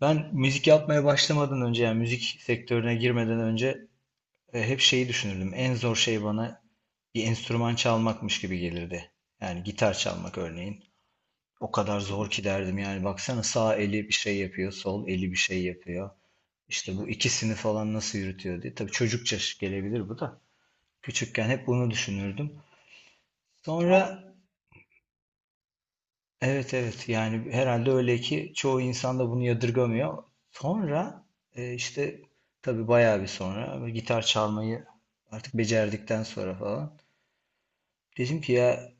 Ben müzik yapmaya başlamadan önce yani müzik sektörüne girmeden önce hep şeyi düşünürdüm. En zor şey bana bir enstrüman çalmakmış gibi gelirdi. Yani gitar çalmak örneğin. O kadar zor ki derdim yani baksana sağ eli bir şey yapıyor, sol eli bir şey yapıyor. İşte bu ikisini falan nasıl yürütüyor diye. Tabii çocukça gelebilir bu da. Küçükken hep bunu düşünürdüm. Sonra Evet, evet, yani herhalde öyle ki çoğu insan da bunu yadırgamıyor. Sonra, e, işte tabii bayağı bir sonra böyle gitar çalmayı artık becerdikten sonra falan dedim ki ya,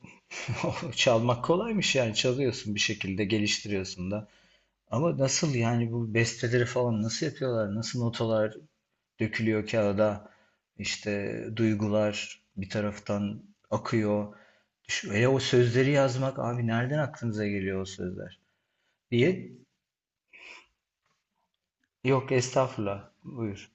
çalmak kolaymış yani çalıyorsun bir şekilde geliştiriyorsun da. Ama nasıl yani bu besteleri falan nasıl yapıyorlar? Nasıl notalar dökülüyor kağıda? İşte duygular bir taraftan akıyor. Hele o sözleri yazmak abi nereden aklınıza geliyor o sözler diye? Yok estağfurullah. Buyur.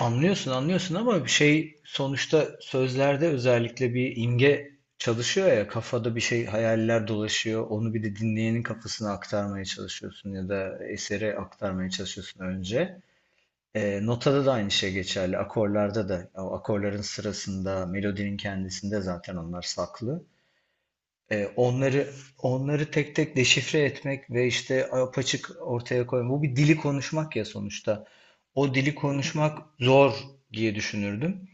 Anlıyorsun anlıyorsun ama bir şey sonuçta sözlerde özellikle bir imge çalışıyor ya kafada bir şey hayaller dolaşıyor. Onu bir de dinleyenin kafasına aktarmaya çalışıyorsun ya da esere aktarmaya çalışıyorsun önce. Notada da aynı şey geçerli. Akorlarda da o akorların sırasında melodinin kendisinde zaten onlar saklı. E, onları onları tek tek deşifre etmek ve işte apaçık ortaya koymak. Bu bir dili konuşmak ya sonuçta. O dili konuşmak zor diye düşünürdüm.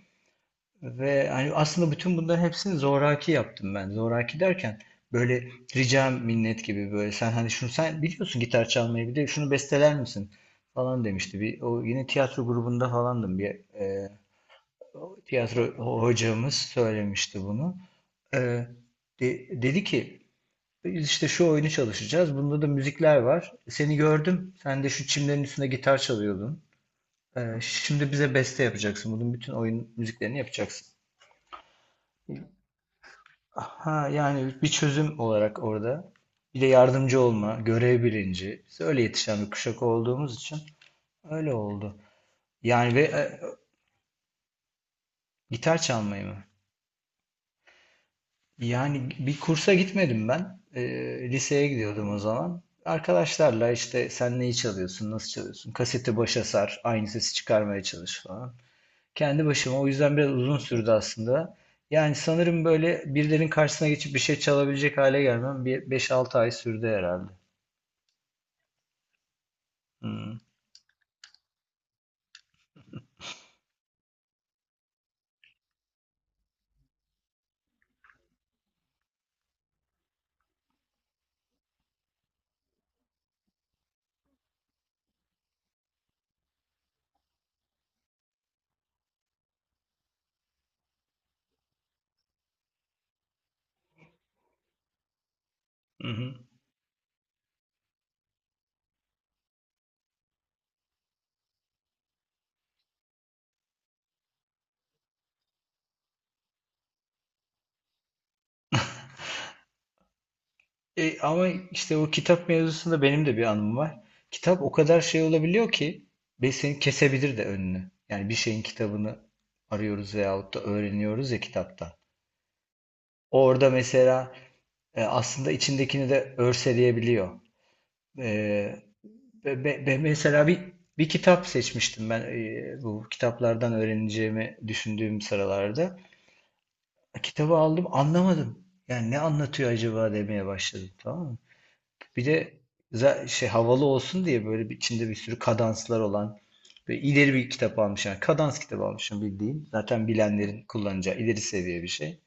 Ve hani aslında bütün bunların hepsini zoraki yaptım ben. Zoraki derken böyle ricam minnet gibi böyle sen hani şunu sen biliyorsun gitar çalmayı bir de şunu besteler misin falan demişti. Bir, o yine tiyatro grubunda falandım. Bir tiyatro hocamız söylemişti bunu. E, Dedi ki biz işte şu oyunu çalışacağız. Bunda da müzikler var. Seni gördüm. Sen de şu çimlerin üstünde gitar çalıyordun. Şimdi bize beste yapacaksın. Bunun bütün oyun müziklerini yapacaksın. Ha yani bir çözüm olarak orada. Bir de yardımcı olma, görev bilinci. Biz öyle yetişen bir kuşak olduğumuz için öyle oldu. Yani ve gitar çalmayı mı? Yani bir kursa gitmedim ben. Liseye gidiyordum o zaman. Arkadaşlarla işte sen neyi çalıyorsun, nasıl çalıyorsun? Kaseti başa sar, aynı sesi çıkarmaya çalış falan. Kendi başıma o yüzden biraz uzun sürdü aslında. Yani sanırım böyle birilerinin karşısına geçip bir şey çalabilecek hale gelmem bir beş altı ay sürdü herhalde. Hı hı. Ama işte o kitap mevzusunda benim de bir anım var. Kitap o kadar şey olabiliyor ki ve seni kesebilir de önünü. Yani bir şeyin kitabını arıyoruz veyahut da öğreniyoruz ya kitaptan. Orada mesela aslında içindekini de örseleyebiliyor. E, Mesela bir kitap seçmiştim ben, bu kitaplardan öğreneceğimi düşündüğüm sıralarda. Kitabı aldım anlamadım. Yani ne anlatıyor acaba demeye başladım tamam mı? Bir de şey havalı olsun diye böyle bir, içinde bir sürü kadanslar olan ve ileri bir kitap almış yani kadans kitabı almışım bildiğin. Zaten bilenlerin kullanacağı ileri seviye bir şey.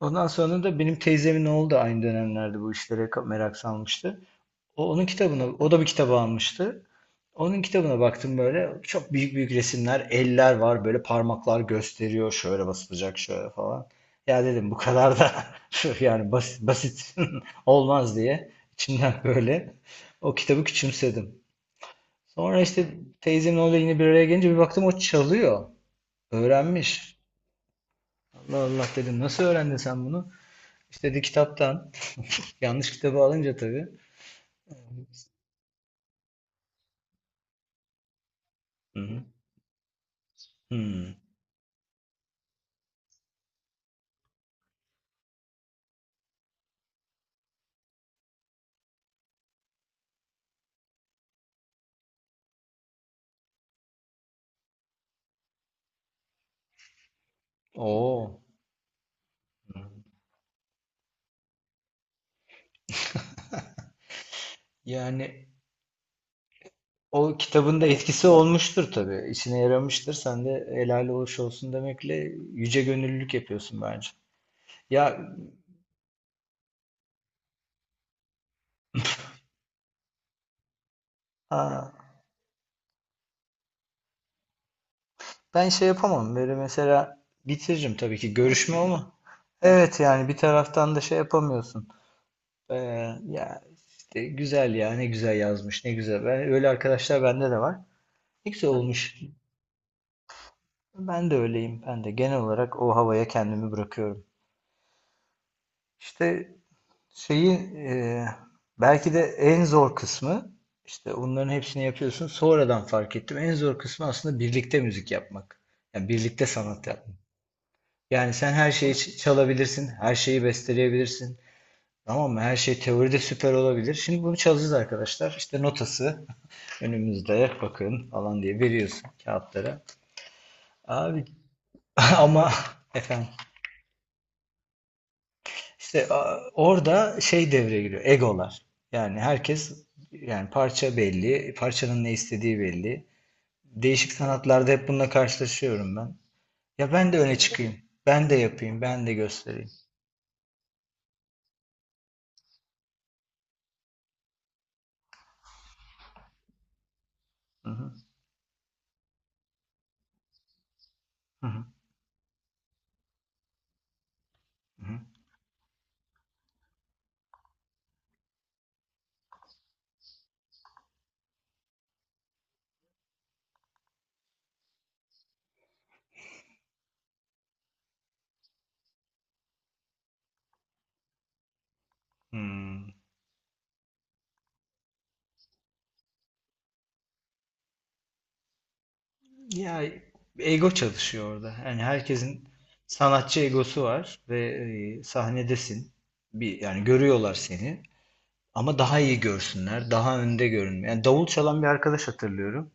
Ondan sonra da benim teyzemin oğlu da aynı dönemlerde bu işlere merak salmıştı. O onun kitabına, o da bir kitabı almıştı. Onun kitabına baktım böyle çok büyük büyük resimler, eller var böyle parmaklar gösteriyor şöyle basılacak şöyle falan. Ya dedim bu kadar da şu yani basit, basit olmaz diye içimden böyle o kitabı küçümsedim. Sonra işte teyzemle orada yine bir araya gelince bir baktım o çalıyor. Öğrenmiş. Allah Allah dedim nasıl öğrendin sen bunu? İşte dedi kitaptan. Yanlış kitabı alınca tabii. Hı hı. Hmm. Oo. Yani o kitabın da etkisi olmuştur tabii. İşine yaramıştır. Sen de helal hoş olsun demekle yüce gönüllülük yapıyorsun bence. Ya ha, ben şey yapamam. Böyle mesela bitiririm tabii ki görüşme ama evet yani bir taraftan da şey yapamıyorsun. Ee, Ya işte güzel ya ne güzel yazmış ne güzel. Ben, öyle arkadaşlar bende de var. Ne güzel olmuş. Ben de öyleyim. Ben de genel olarak o havaya kendimi bırakıyorum. İşte Şeyi e, belki de en zor kısmı işte onların hepsini yapıyorsun. Sonradan fark ettim. En zor kısmı aslında birlikte müzik yapmak. Yani birlikte sanat yapmak. Yani sen her şeyi çalabilirsin, her şeyi besteleyebilirsin. Tamam mı? Her şey teoride süper olabilir. Şimdi bunu çalacağız arkadaşlar. İşte notası önümüzde bakın falan diye veriyorsun kağıtlara. Abi ama efendim. İşte orada şey devreye giriyor. Egolar. Yani herkes yani parça belli, parçanın ne istediği belli. Değişik sanatlarda hep bununla karşılaşıyorum ben. Ya ben de öne çıkayım. Ben de yapayım, ben de göstereyim. Hı hı, hı hı, hı hı. Hmm. Ya ego çalışıyor orada. Yani herkesin sanatçı egosu var ve sahnedesin. Bir yani görüyorlar seni. Ama daha iyi görsünler, daha önde görünme. Yani davul çalan bir arkadaş hatırlıyorum.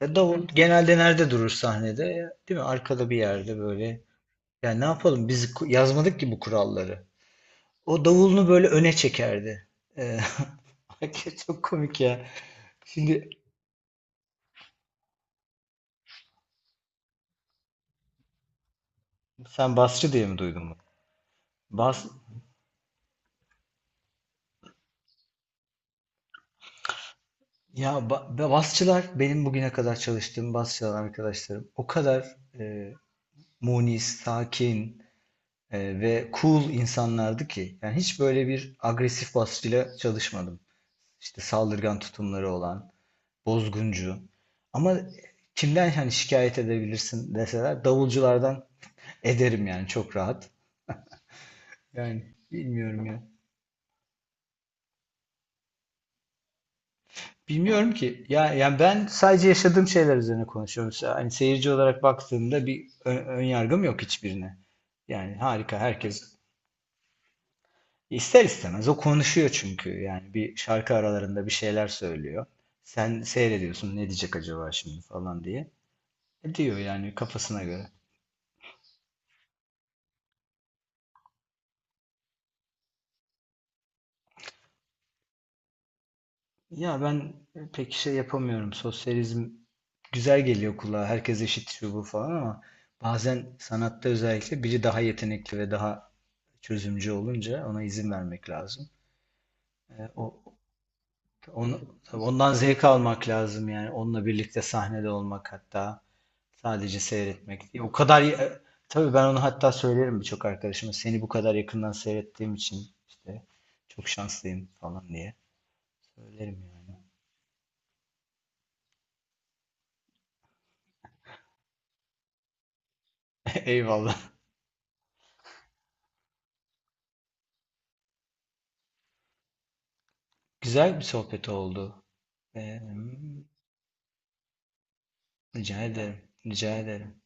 Ya davul genelde nerede durur sahnede? Ya, değil mi? Arkada bir yerde böyle. Yani ne yapalım? Biz yazmadık ki bu kuralları. O davulunu böyle öne çekerdi. Ee, Hakikaten çok komik ya. Şimdi sen basçı diye mi duydun bunu? Bas, ya basçılar benim bugüne kadar çalıştığım basçılar arkadaşlarım o kadar munis, sakin, ve cool insanlardı ki. Yani hiç böyle bir agresif basçıyla çalışmadım. İşte saldırgan tutumları olan. Bozguncu. Ama kimden hani şikayet edebilirsin deseler davulculardan ederim yani çok rahat. Yani bilmiyorum ya. Bilmiyorum ki. Ya yani ben sadece yaşadığım şeyler üzerine konuşuyorum. Hani seyirci olarak baktığımda bir ön yargım yok hiçbirine. Yani harika herkes ister istemez o konuşuyor çünkü. Yani bir şarkı aralarında bir şeyler söylüyor. Sen seyrediyorsun ne diyecek acaba şimdi falan diye. E diyor yani kafasına göre. Ya ben pek şey yapamıyorum. Sosyalizm güzel geliyor kulağa. Herkes eşit şu bu falan ama bazen sanatta özellikle biri daha yetenekli ve daha çözümcü olunca ona izin vermek lazım. O onu, tabii ondan zevk almak lazım yani. Onunla birlikte sahnede olmak hatta sadece seyretmek değil. O kadar tabii ben onu hatta söylerim birçok arkadaşıma. Seni bu kadar yakından seyrettiğim için işte çok şanslıyım falan diye söylerim yani. Eyvallah. Güzel bir sohbet oldu. Ee, Rica ederim. Rica ederim.